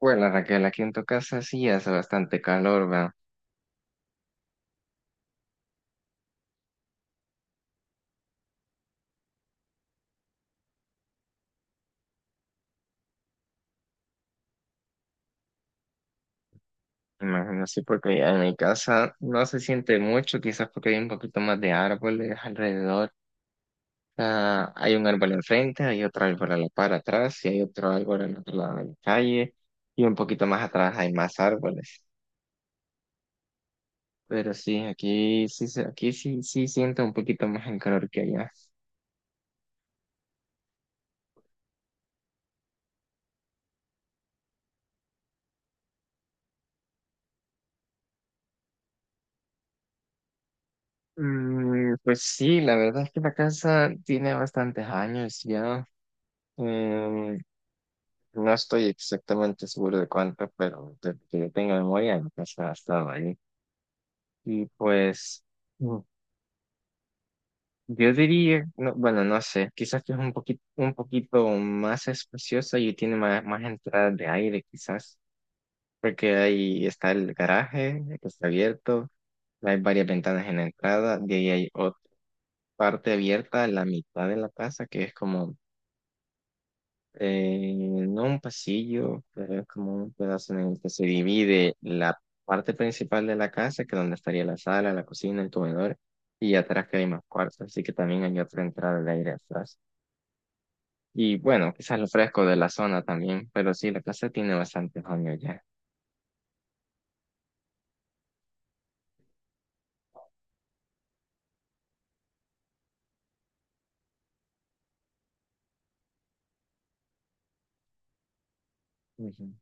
Bueno, Raquel, aquí en tu casa sí hace bastante calor, ¿verdad? Imagino sí, porque en mi casa no se siente mucho, quizás porque hay un poquito más de árboles alrededor. Ah, hay un árbol enfrente, hay otro árbol a la par atrás y hay otro árbol al otro lado de la calle y un poquito más atrás hay más árboles. Pero sí, aquí sí, sí siento un poquito más el calor que allá. Mm, pues sí, la verdad es que la casa tiene bastantes años ya. Em, No estoy exactamente seguro de cuánto, pero de que yo tenga memoria, entonces ha estado ahí. Y pues, mm, yo diría, no, bueno, no sé, quizás que es un poquito más espaciosa y tiene más entradas de aire, quizás, porque ahí está el garaje, que está abierto, hay varias ventanas en la entrada, de ahí hay otra parte abierta a la mitad de la casa, que es como. Eh, no un pasillo, pero es como un pedazo en el que se divide la parte principal de la casa, que donde estaría la sala, la cocina, el comedor, y atrás que hay más cuartos, así que también hay otra entrada de aire atrás. Y bueno, quizás lo fresco de la zona también, pero sí, la casa tiene bastantes años ya. Ujú.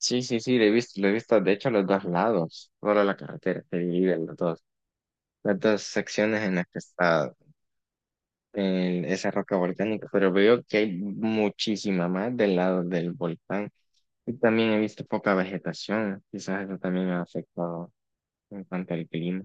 Sí, sí, sí, lo he visto, de hecho, los dos lados, solo la carretera se divide en los dos, las dos secciones en las que está en esa roca volcánica, pero veo que hay muchísima más del lado del volcán y también he visto poca vegetación, quizás eso también ha afectado en cuanto al clima.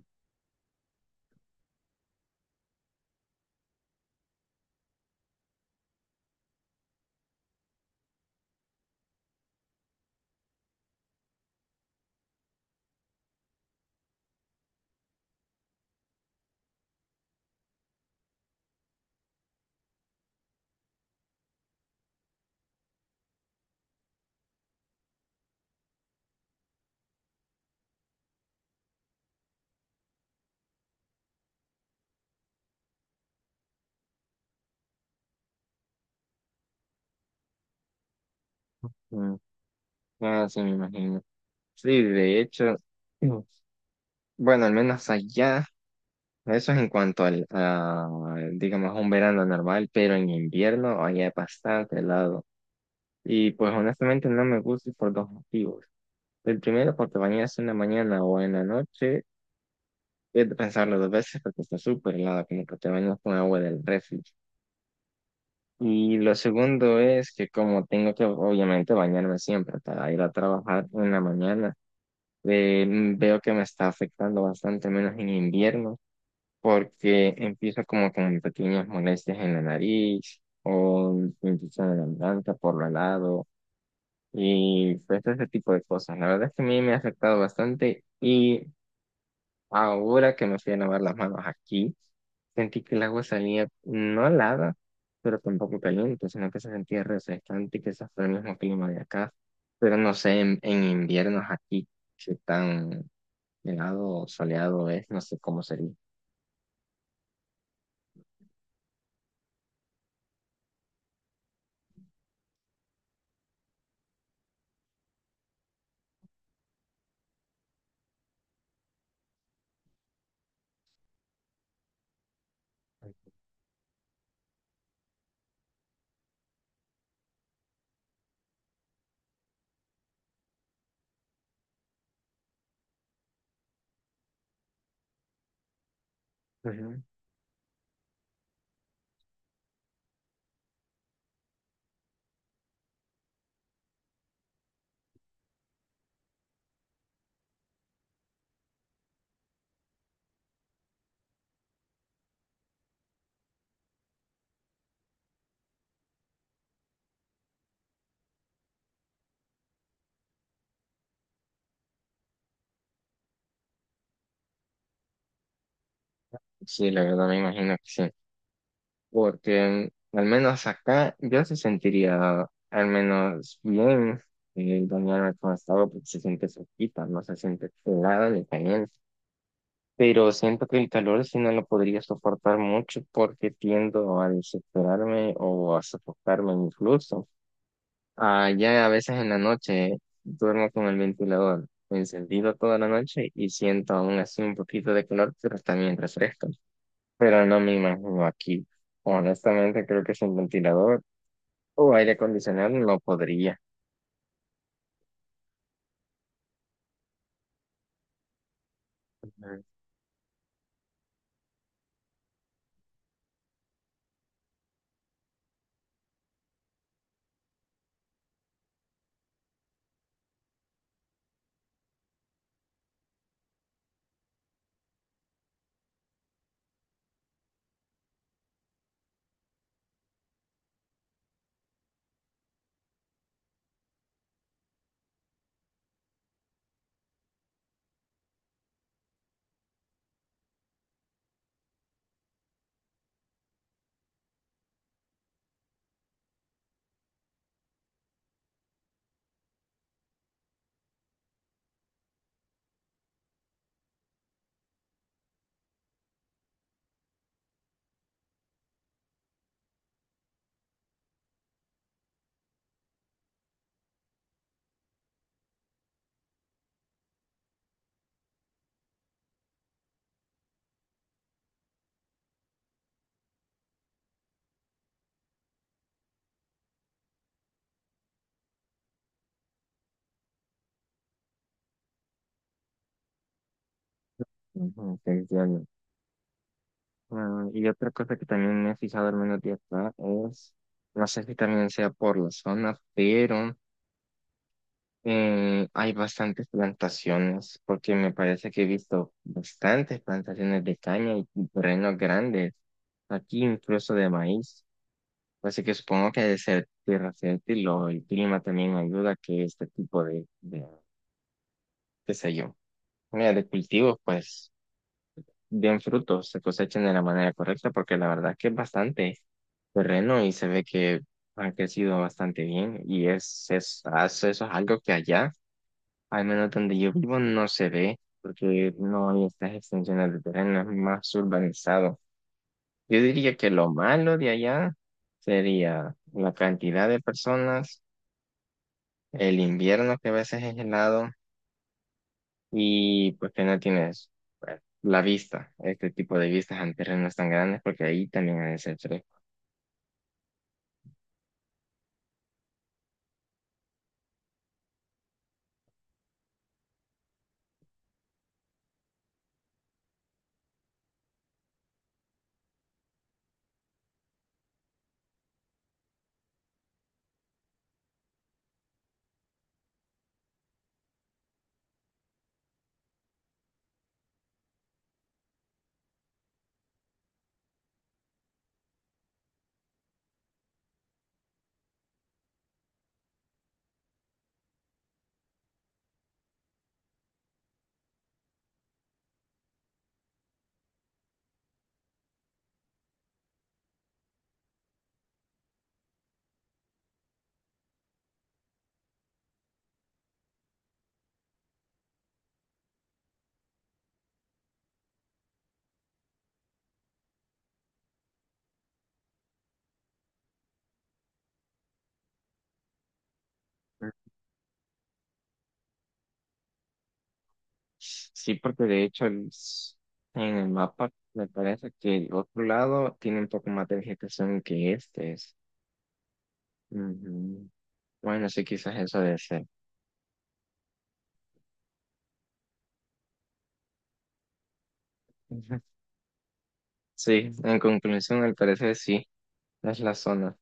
Mm, ah, sí, me imagino. Sí, de hecho, mm, bueno, al menos allá, eso es en cuanto a, digamos, un verano normal, pero en invierno allá es bastante helado y pues honestamente no me gusta por dos motivos. El primero, porque bañarse en la mañana o en la noche es de pensarlo dos veces porque está súper helado, como que te bañas con agua del refri. Y lo segundo es que como tengo que obviamente bañarme siempre para ir a trabajar en la mañana, veo que me está afectando bastante menos en invierno porque empiezo como con pequeñas molestias en la nariz o infección en la garganta por lo helado y pues ese tipo de cosas. La verdad es que a mí me ha afectado bastante. Y ahora que me fui a lavar las manos aquí, sentí que el agua salía no helada, pero tampoco caliente, sino que se sentía refrescante y que quizás fue el mismo clima de acá. Pero no sé, en inviernos aquí, si tan helado o soleado es, no sé cómo sería. Ujú. Sí, la verdad me imagino que sí, porque al menos acá yo se sentiría al menos bien bañarme con esta agua porque se siente fresquita, no se siente helada ni caliente. Pero siento que el calor sí no lo podría soportar mucho porque tiendo a desesperarme o a sofocarme incluso. Ah, ya a veces en la noche duermo con el ventilador encendido toda la noche y siento aún así un poquito de calor, pero también refresco. Pero no me imagino aquí. Honestamente creo que sin ventilador o aire acondicionado no podría. Ujú, ujú, te entiendo. Mm, y otra cosa que también me he fijado al menos de acá es, no sé si también sea por la zona, pero hay bastantes plantaciones, porque me parece que he visto bastantes plantaciones de caña y terrenos grandes, aquí incluso de maíz. Así que supongo que de ser tierra fértil o el clima también ayuda a que este tipo de, qué sé yo, mira, de cultivos pues bien frutos, se cosechan de la manera correcta, porque la verdad que es bastante terreno y se ve que ha crecido bastante bien y eso es algo que allá, al menos donde yo vivo, no se ve, porque no hay estas extensiones de terreno, es más urbanizado. Yo diría que lo malo de allá sería la cantidad de personas, el invierno que a veces es helado y pues que no tienes pues, la vista, este tipo de vistas en terrenos tan grandes, porque ahí también hay ese fresco. Sí, porque de hecho el en el mapa me parece que el otro lado tiene un poco más de vegetación que este es. Ujú. Bueno, sí, quizás eso debe ser. Ujú. Sí, en conclusión, al parecer sí, es la zona.